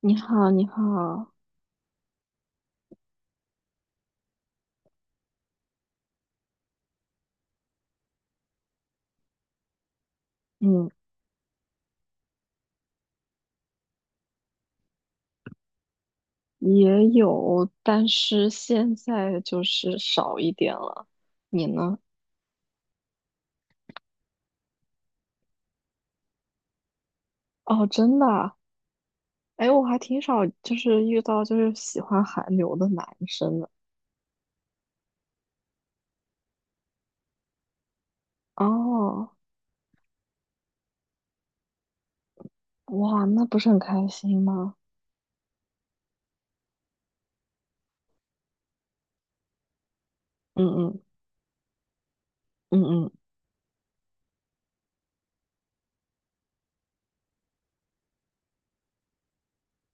你好，你好。嗯，也有，但是现在就是少一点了。你呢？哦，真的啊？哎，我还挺少，就是遇到就是喜欢韩流的男生的。哦，哇，那不是很开心吗？嗯嗯，嗯嗯，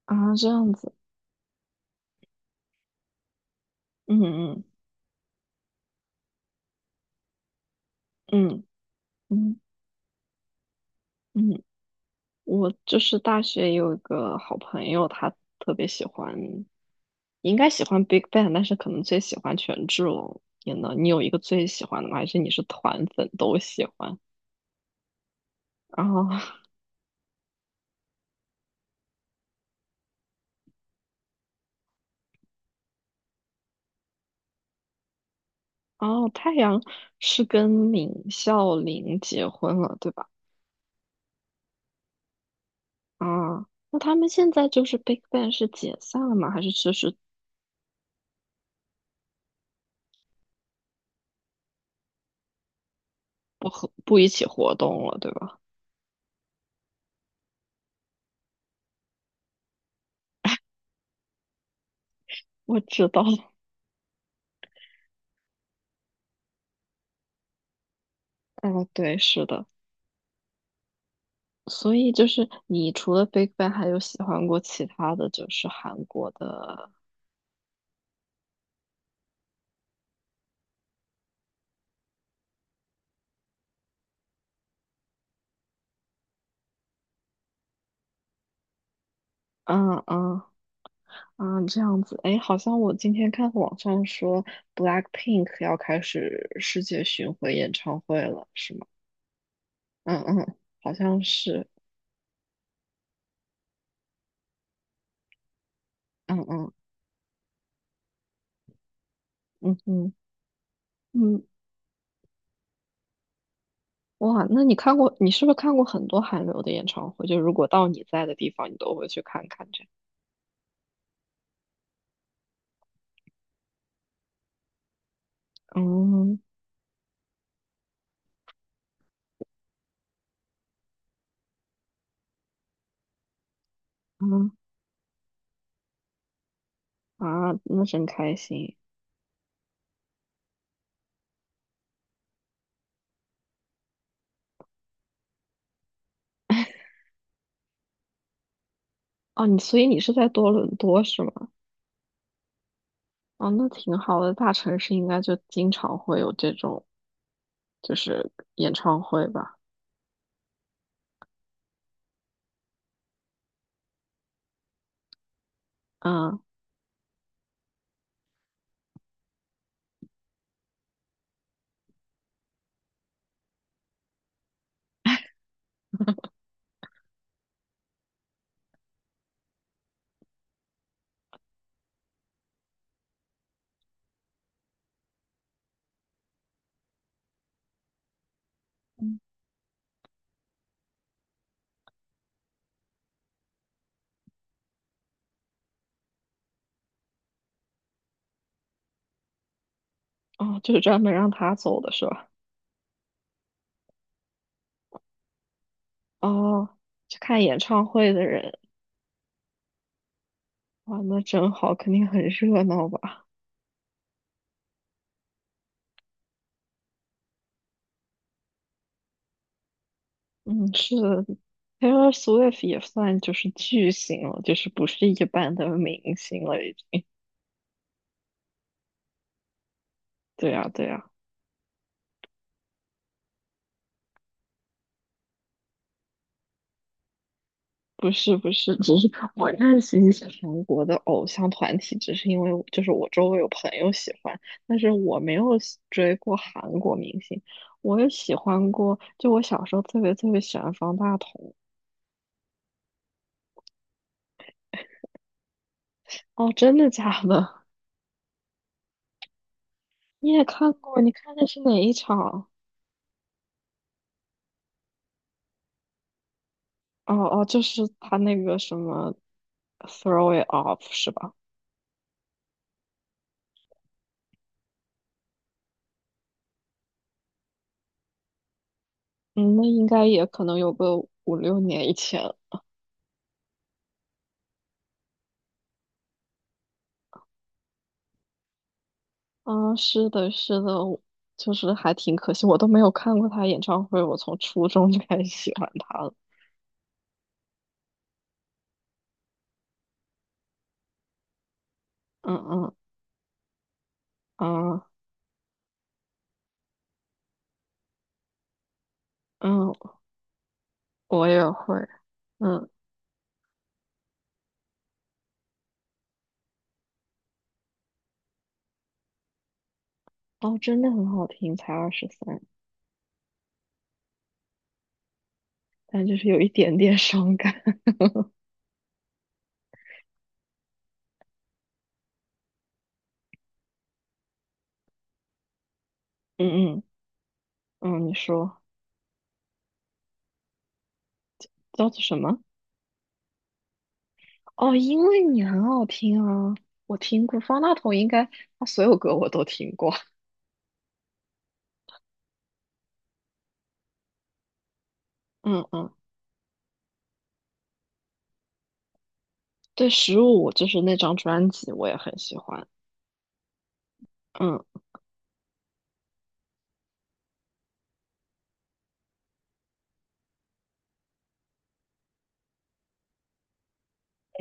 啊，这样子。嗯嗯，嗯嗯嗯。我就是大学有一个好朋友，他特别喜欢，应该喜欢 Big Bang，但是可能最喜欢权志龙。你呢？你有一个最喜欢的吗？还是你是团粉都喜欢？然后，哦，太阳是跟闵孝琳结婚了，对吧？啊，那他们现在就是 Big Bang 是解散了吗？还是就是不一起活动了，对吧？我知道了。哦，对，是的。所以就是你除了 Big Bang 还有喜欢过其他的就是韩国的。嗯嗯，嗯，这样子。哎，好像我今天看网上说 BLACKPINK 要开始世界巡回演唱会了，是吗？嗯嗯，好像是。嗯嗯，嗯嗯嗯，哇，那你看过，你是不是看过很多韩流的演唱会？就如果到你在的地方，你都会去看看这样。嗯嗯，嗯啊，那真开心。哦，你所以你是在多伦多是吗？哦，那挺好的。大城市应该就经常会有这种，就是演唱会吧？嗯，嗯。哦，就是专门让他走的是吧？哦，去看演唱会的人，哇，那真好，肯定很热闹吧？嗯，是的，Taylor Swift 也算就是巨星了，就是不是一般的明星了，已经。对呀，对呀。不是不是，只是我认识一些韩国的偶像团体，只是因为我就是我周围有朋友喜欢，但是我没有喜追过韩国明星。我也喜欢过，就我小时候特别特别喜欢方大同。哦，真的假的？你也看过？你看的是哪一场？哦哦，就是他那个什么《Throw It Off》是吧？嗯，那应该也可能有个五六年以前。啊，是的，是的，我就是还挺可惜，我都没有看过他演唱会，我从初中就开始喜欢他了。嗯嗯，嗯嗯，我也会。嗯，哦，真的很好听，才二十三，但就是有一点点伤感。嗯嗯，嗯，你说叫做什么？哦，因为你很好听啊，我听过方大同，应该他所有歌我都听过。嗯嗯，对，《十五》就是那张专辑，我也很喜欢。嗯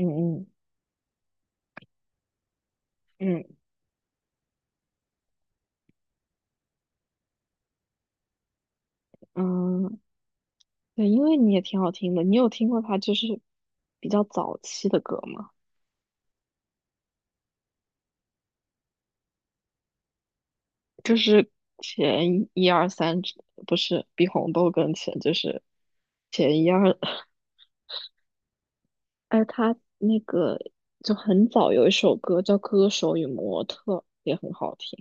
嗯，嗯嗯，嗯。对，因为你也挺好听的，你有听过他就是比较早期的歌吗？前一二三之。不是比红豆更前，就是前一二。哎，他那个就很早有一首歌叫《歌手与模特》，也很好听。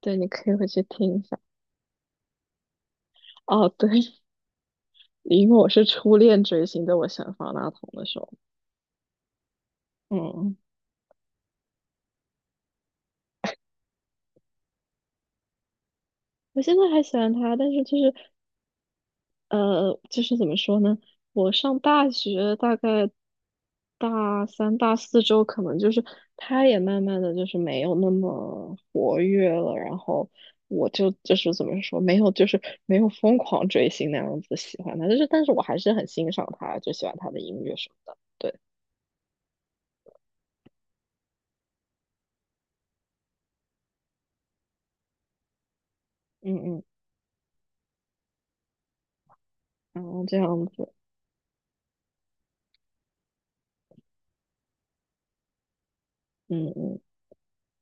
对，你可以回去听一下。哦，对，因为我是初恋追星，对我喜欢方大同的时候，嗯，我现在还喜欢他，但是就是。就是怎么说呢？我上大学大概大三、大四之后，可能就是他也慢慢的就是没有那么活跃了，然后我就是怎么说，没有就是没有疯狂追星那样子喜欢他，就是但是我还是很欣赏他，就喜欢他的音乐什么的。对，嗯嗯，然后这样子，嗯嗯，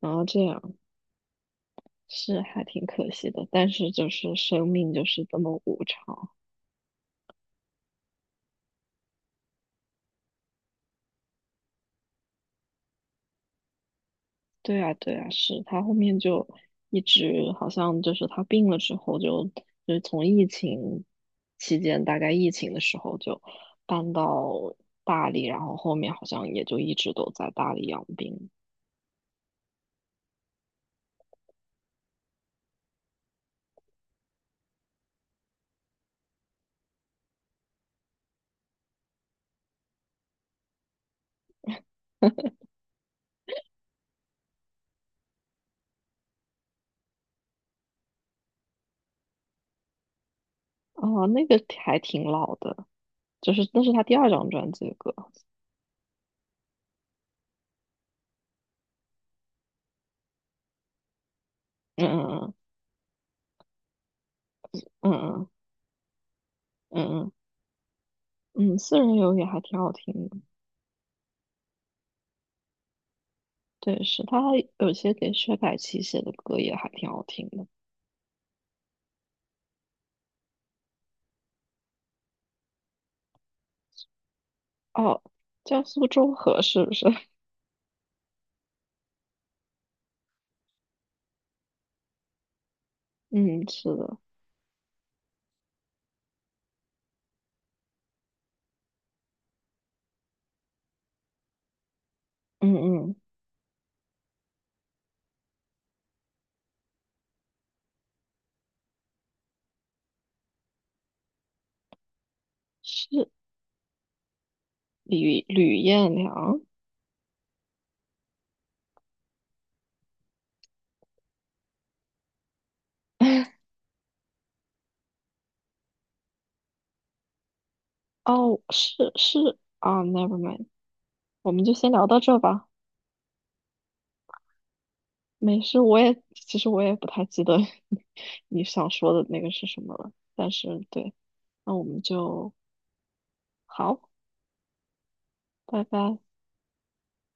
然后这样是还挺可惜的，但是就是生命就是这么无常。对啊，对啊，是他后面就一直好像就是他病了之后就，就是从疫情期间，大概疫情的时候就搬到大理，然后后面好像也就一直都在大理养病。哦，那个还挺老的，就是那是他第二张专辑的歌。嗯嗯，嗯嗯，嗯嗯，私人游也还挺好听的。对，是他有些给薛凯琪写的歌也还挺好听的。哦，叫苏州河是不是？嗯，是的，嗯嗯，是吕彦良。哦，是是啊，never mind,我们就先聊到这吧。没事，我也其实我也不太记得 你想说的那个是什么了，但是对，那我们就。好，拜拜。